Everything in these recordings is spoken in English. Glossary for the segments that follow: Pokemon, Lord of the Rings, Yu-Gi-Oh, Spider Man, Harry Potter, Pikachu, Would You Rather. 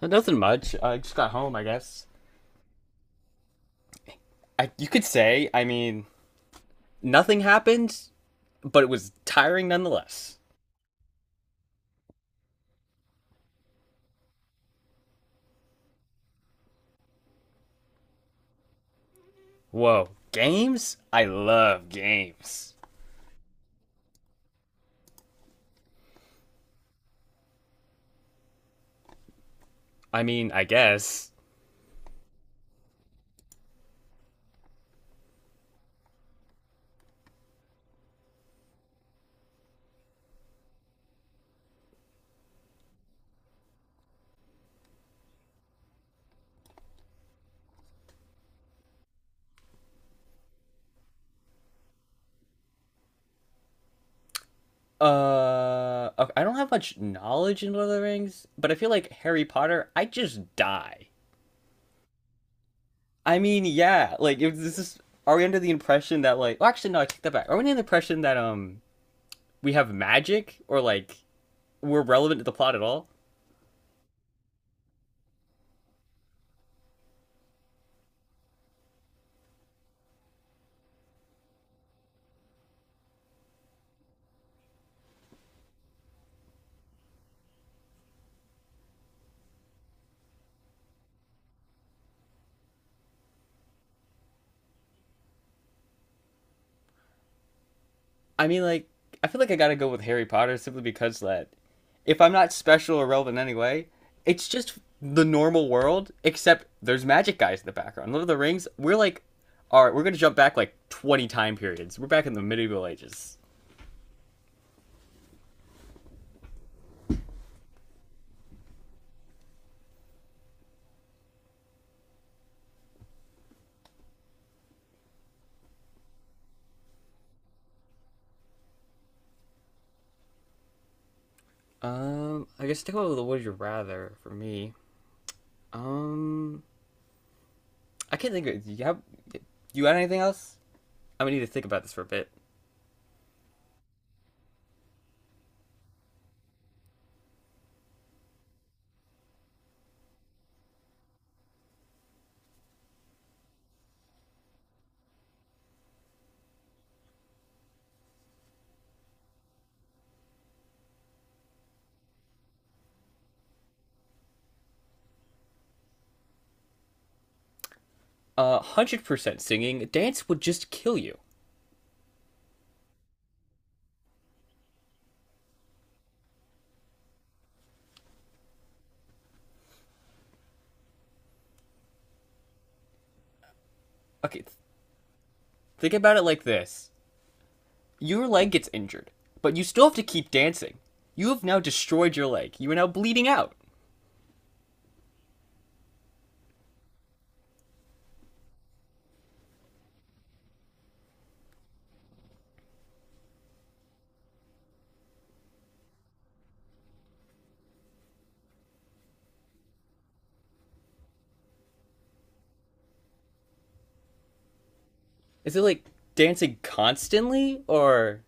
Nothing much. I just got home, I guess. I, you could say, I mean, nothing happened, but it was tiring nonetheless. Whoa, games? I love games. I mean, I guess. Okay, I don't have much knowledge in Lord of the Rings, but I feel like Harry Potter, I just die. I mean, yeah, like, if this is. Are we under the impression that, like. Well, actually, no, I take that back. Are we under the impression that, we have magic or, like, we're relevant to the plot at all? I mean, like, I feel like I gotta go with Harry Potter simply because that if I'm not special or relevant anyway, it's just the normal world, except there's magic guys in the background. Lord of the Rings, we're like, all right, we're gonna jump back like 20 time periods. We're back in the medieval ages. I guess stick with the Would You Rather for me. Um, I can't think of it. Do you got anything else? I'm gonna need to think about this for a bit. 100% singing, dance would just kill you. Okay, think about it like this. Your leg gets injured, but you still have to keep dancing. You have now destroyed your leg. You are now bleeding out. Is it like dancing constantly or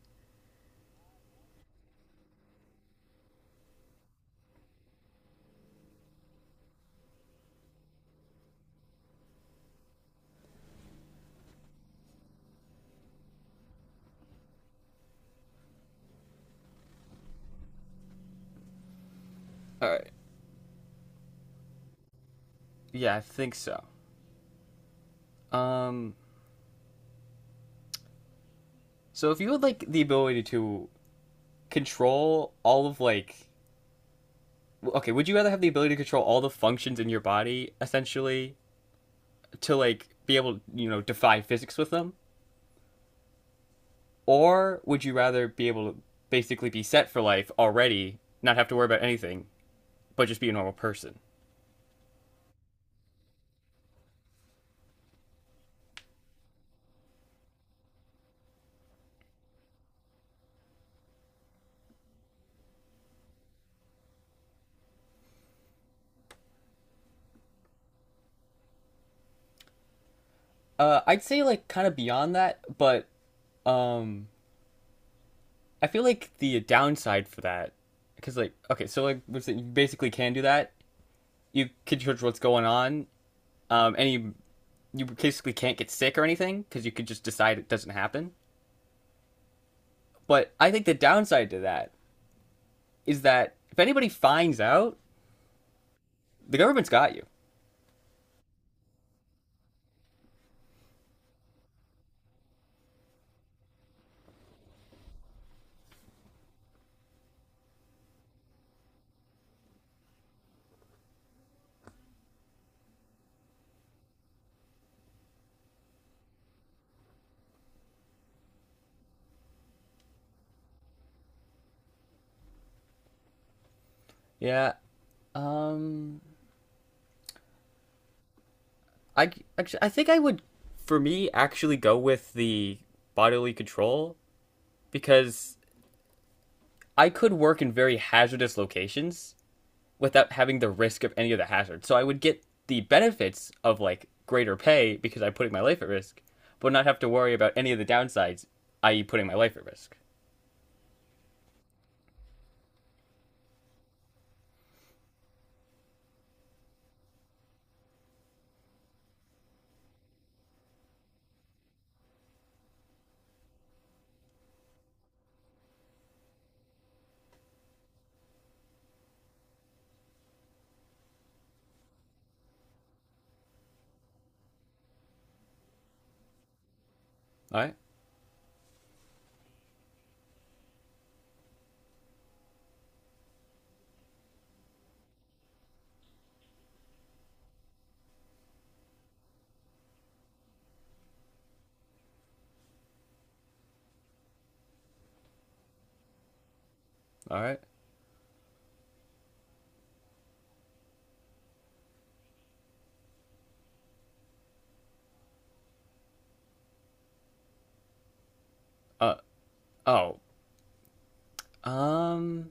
uh, yeah, I think so. Um so if you had like the ability to control all of like okay, would you rather have the ability to control all the functions in your body essentially to like be able to, you know, defy physics with them, or would you rather be able to basically be set for life already, not have to worry about anything, but just be a normal person? I'd say like kind of beyond that, but um, I feel like the downside for that, because like okay, so like you basically can do that. You can judge what's going on, and you basically can't get sick or anything because you could just decide it doesn't happen. But I think the downside to that is that if anybody finds out, the government's got you. Yeah. Um, I actually I think I would for me actually go with the bodily control because I could work in very hazardous locations without having the risk of any of the hazards. So I would get the benefits of like greater pay because I'm putting my life at risk, but not have to worry about any of the downsides, i.e., putting my life at risk. All right, all right. Uh oh. Um,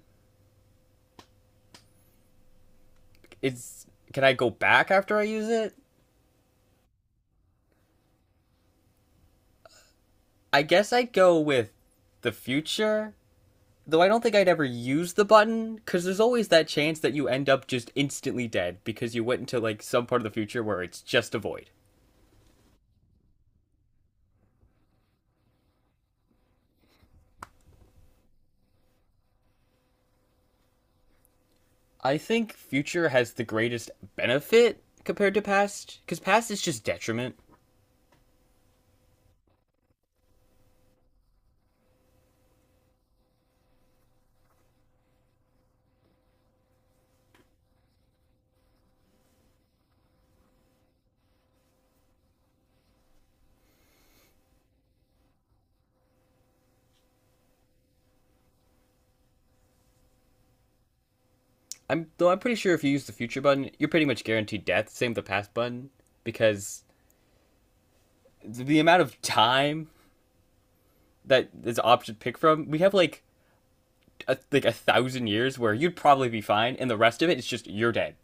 it's can I go back after I use it? I guess I'd go with the future. Though I don't think I'd ever use the button, because there's always that chance that you end up just instantly dead because you went into like some part of the future where it's just a void. I think future has the greatest benefit compared to past, because past is just detriment. I'm though I'm pretty sure if you use the future button, you're pretty much guaranteed death. Same with the past button, because the amount of time that is an option to pick from, we have like like 1,000 years where you'd probably be fine, and the rest of it is just you're dead.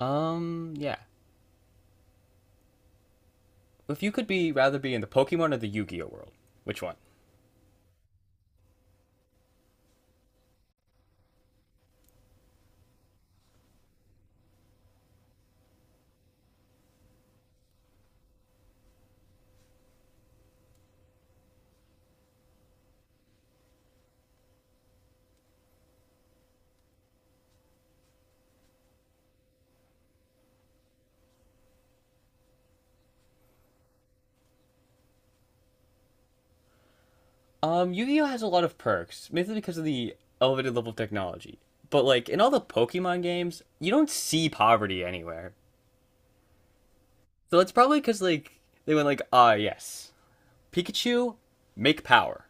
Yeah. If you could be rather be in the Pokemon or the Yu-Gi-Oh world, which one? Yu-Gi-Oh has a lot of perks, mainly because of the elevated level of technology. But like in all the Pokemon games, you don't see poverty anywhere. So it's probably because like they went like, ah, yes, Pikachu, make power.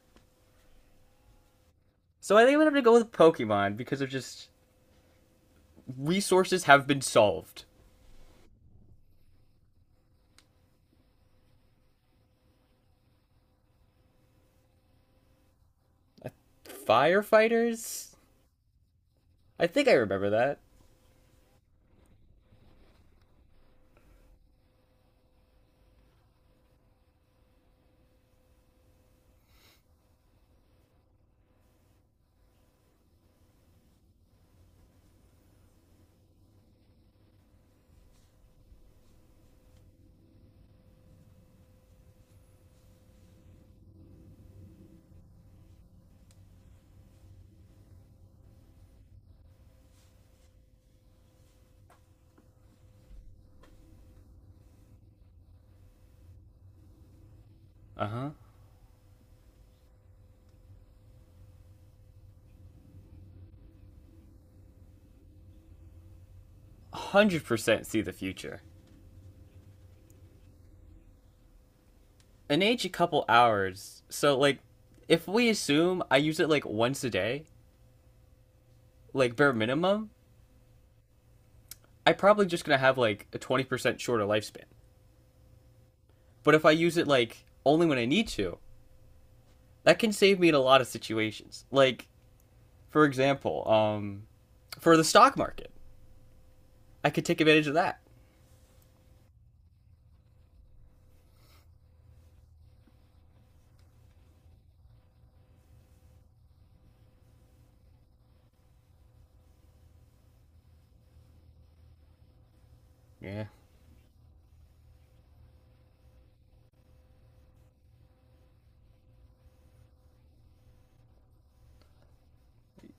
So I think I'm gonna have to go with Pokemon because of just resources have been solved. Firefighters, I think I remember that. Uh huh. 100% see the future. An age a couple hours. So like, if we assume I use it like once a day, like bare minimum, I'm probably just gonna have like a 20% shorter lifespan. But if I use it like only when I need to, that can save me in a lot of situations. Like, for example, for the stock market, I could take advantage of that. Yeah.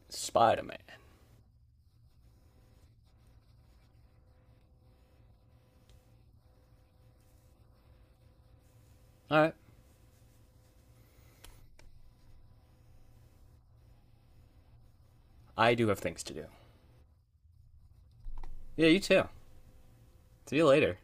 Spider Man. All right. I do have things to do. Yeah, you too. See you later.